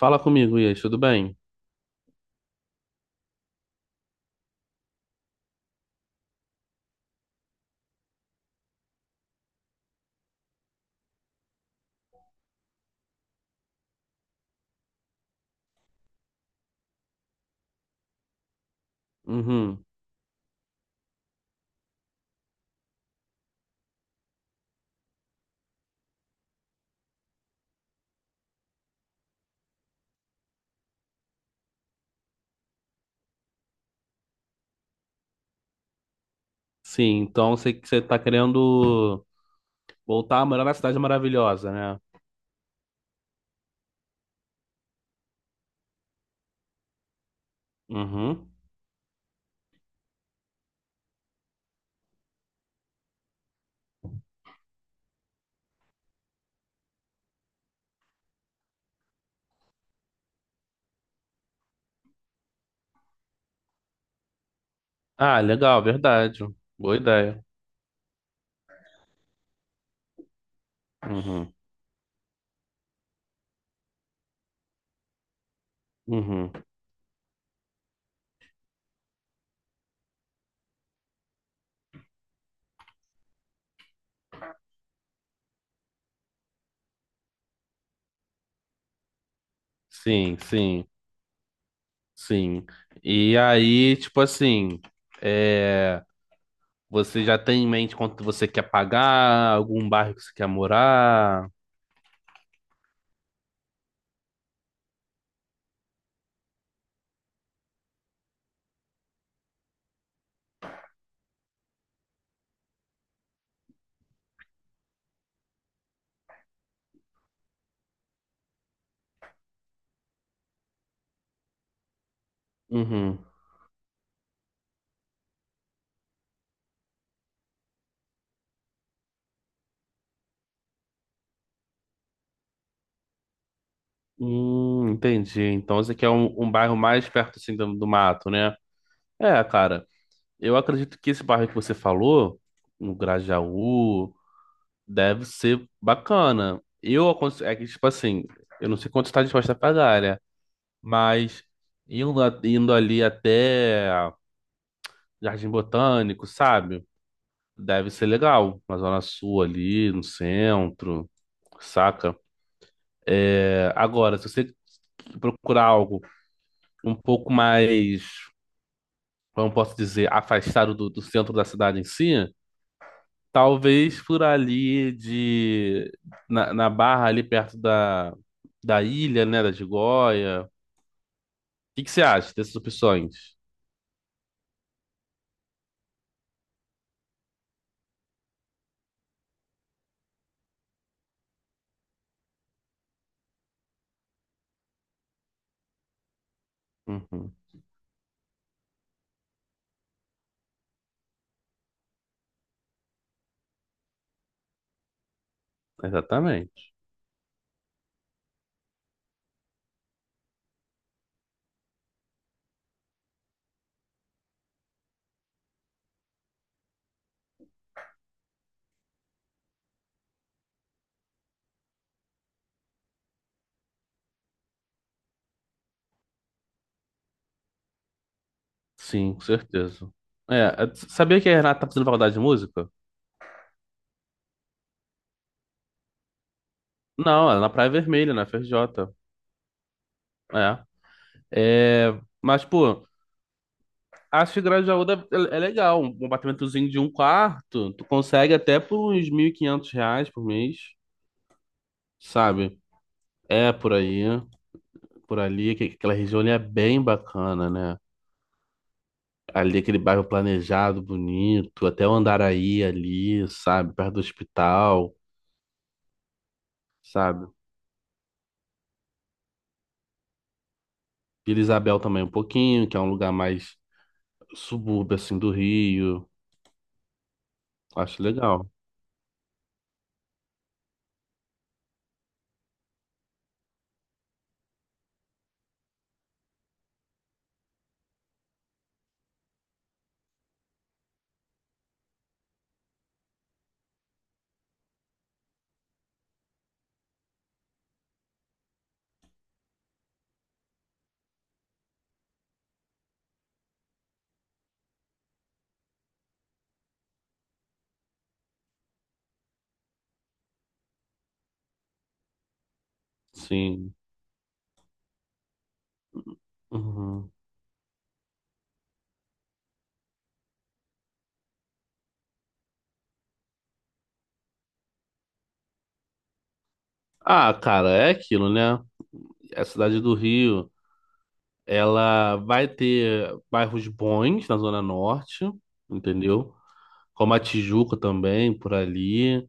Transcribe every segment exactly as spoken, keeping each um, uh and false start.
Fala comigo, Ias, tudo bem? Uhum. Sim, então sei que você tá querendo voltar a morar na cidade maravilhosa, né? Uhum. Ah, legal, verdade. Boa ideia. Uhum. Uhum. Sim, sim, sim. E aí, tipo assim, é... você já tem em mente quanto você quer pagar, algum bairro que você quer morar? Uhum. Hum, entendi. Então você quer um, um bairro mais perto assim do, do mato, né? É, cara. Eu acredito que esse bairro que você falou, no Grajaú, deve ser bacana. Eu aconse- é que, tipo assim, eu não sei quanto está disposta a pagar, né? Mas indo, a- indo ali até Jardim Botânico, sabe? Deve ser legal. Na Zona Sul ali, no centro, saca? É, agora, se você procurar algo um pouco mais, como eu posso dizer, afastado do do centro da cidade em si. Talvez por ali de na, na Barra ali perto da, da ilha, né, da Gigoia. O que que você acha dessas opções? Uhum, exatamente. Sim, com certeza. É, eh, sabia que a Renata tá fazendo faculdade de música? Não, ela é na Praia Vermelha, na F R J. É. É, mas, pô, acho que Grajaú deve- é, é legal. Um apartamentozinho de um quarto, tu consegue até por uns mil e quinhentos reais por mês, sabe? É por aí. Por ali, que aquela região ali é bem bacana, né? Ali aquele bairro planejado, bonito, até o Andaraí ali, sabe? Perto do hospital, sabe? Vila Isabel também um pouquinho, que é um lugar mais subúrbio, assim, do Rio. Acho legal, sim. Uhum. Ah, cara, é aquilo, né? A cidade do Rio, ela vai ter bairros bons na Zona Norte, entendeu? Como a Tijuca também, por ali.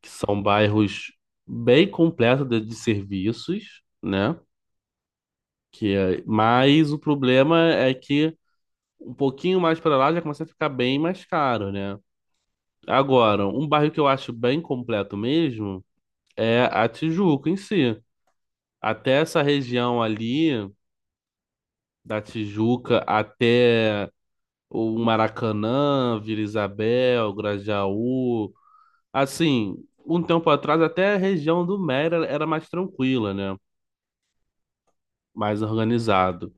Que são bairros bem completos de, de serviços, né? Que é- mas o problema é que um pouquinho mais para lá já começa a ficar bem mais caro, né? Agora, um bairro que eu acho bem completo mesmo é a Tijuca em si. Até essa região ali da Tijuca até o Maracanã, Vila Isabel, Grajaú, assim, um tempo atrás até a região do Mera era mais tranquila, né? Mais organizado.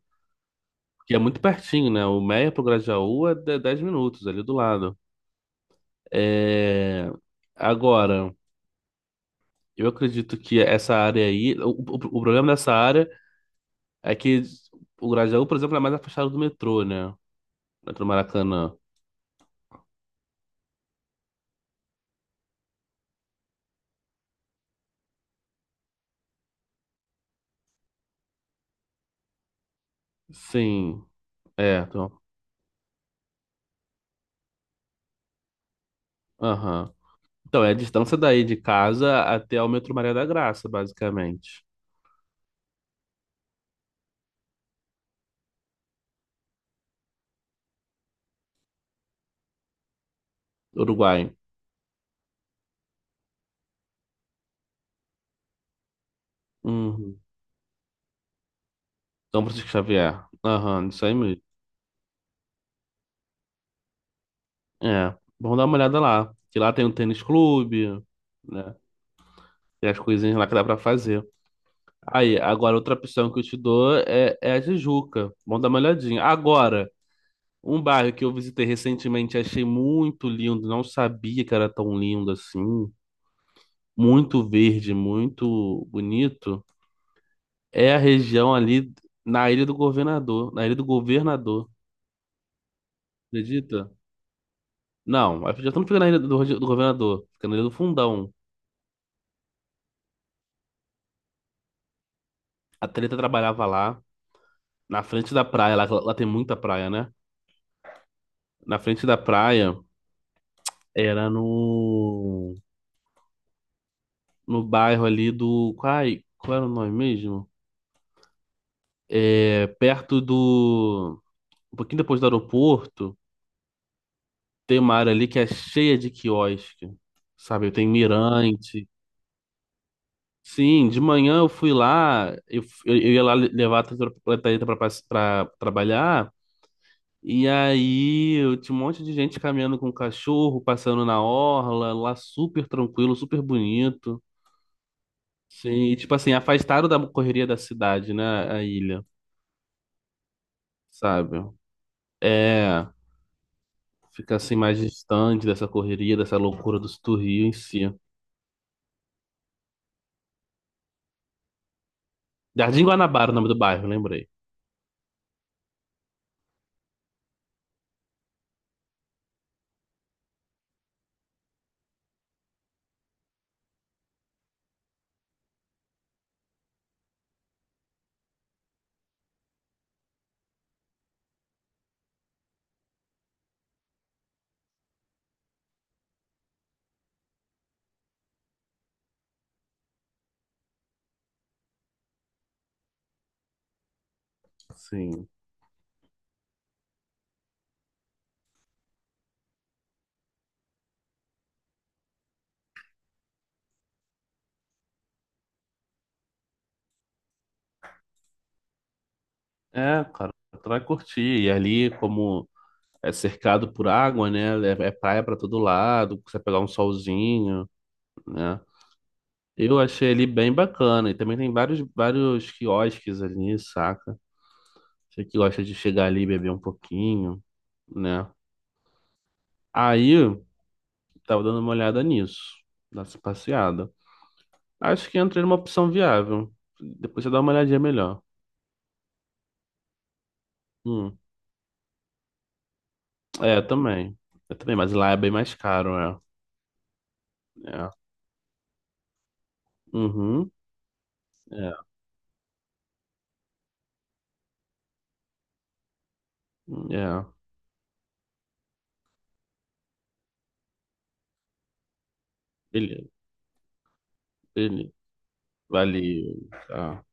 Porque é muito pertinho, né? O Meia pro Grajaú é de- dez minutos ali do lado. É... Agora, eu acredito que essa área aí. O, o, o problema dessa área é que o Grajaú, por exemplo, é mais afastado do metrô, né? Metrô Maracanã. Sim, é. Então, aham. Então, é a distância daí de casa até o metrô Maria da Graça, basicamente. Uruguai. Uhum. São Francisco Xavier. Aham, isso aí mesmo. É, vamos dar uma olhada lá. Que lá tem um tênis clube, né? Tem as coisinhas lá que dá pra fazer. Aí, agora outra opção que eu te dou é, é a Tijuca. Vamos dar uma olhadinha. Agora, um bairro que eu visitei recentemente, e achei muito lindo, não sabia que era tão lindo assim. Muito verde, muito bonito. É a região ali na Ilha do Governador. Na Ilha do Governador, acredita? Não, já estamos ficando na Ilha do, do Governador, ficando na Ilha do Fundão. A Treta trabalhava lá. Na frente da praia, lá, lá tem muita praia, né? Na frente da praia era no, no bairro ali do. Ai, qual era o nome mesmo? É, perto do. Um pouquinho depois do aeroporto, tem uma área ali que é cheia de quiosque. Sabe, tem mirante. Sim, de manhã eu fui lá, eu, eu, eu ia lá levar a Catarina pra, pra trabalhar. E aí, eu tinha um monte de gente caminhando com cachorro, passando na orla, lá super tranquilo, super bonito. Sim, e, tipo assim, afastaram da correria da cidade, né, a ilha, sabe? É, fica assim mais distante dessa correria, dessa loucura do, do Rio em si. Jardim Guanabara, é o nome do bairro, lembrei. Sim. É, cara, tu vai curtir. E ali, como é cercado por água, né, é, é praia pra todo lado, você vai pegar um solzinho, né? Eu achei ele bem bacana. E também tem vários, vários quiosques ali, saca? Você que gosta de chegar ali e beber um pouquinho, né? Aí, tava dando uma olhada nisso, nessa passeada. Acho que entrei numa opção viável. Depois você dá uma olhadinha melhor. Hum, é, também. Eu também, mas lá é bem mais caro, é. É. Uhum. É. É. Beleza. Beleza. Valeu. Tá.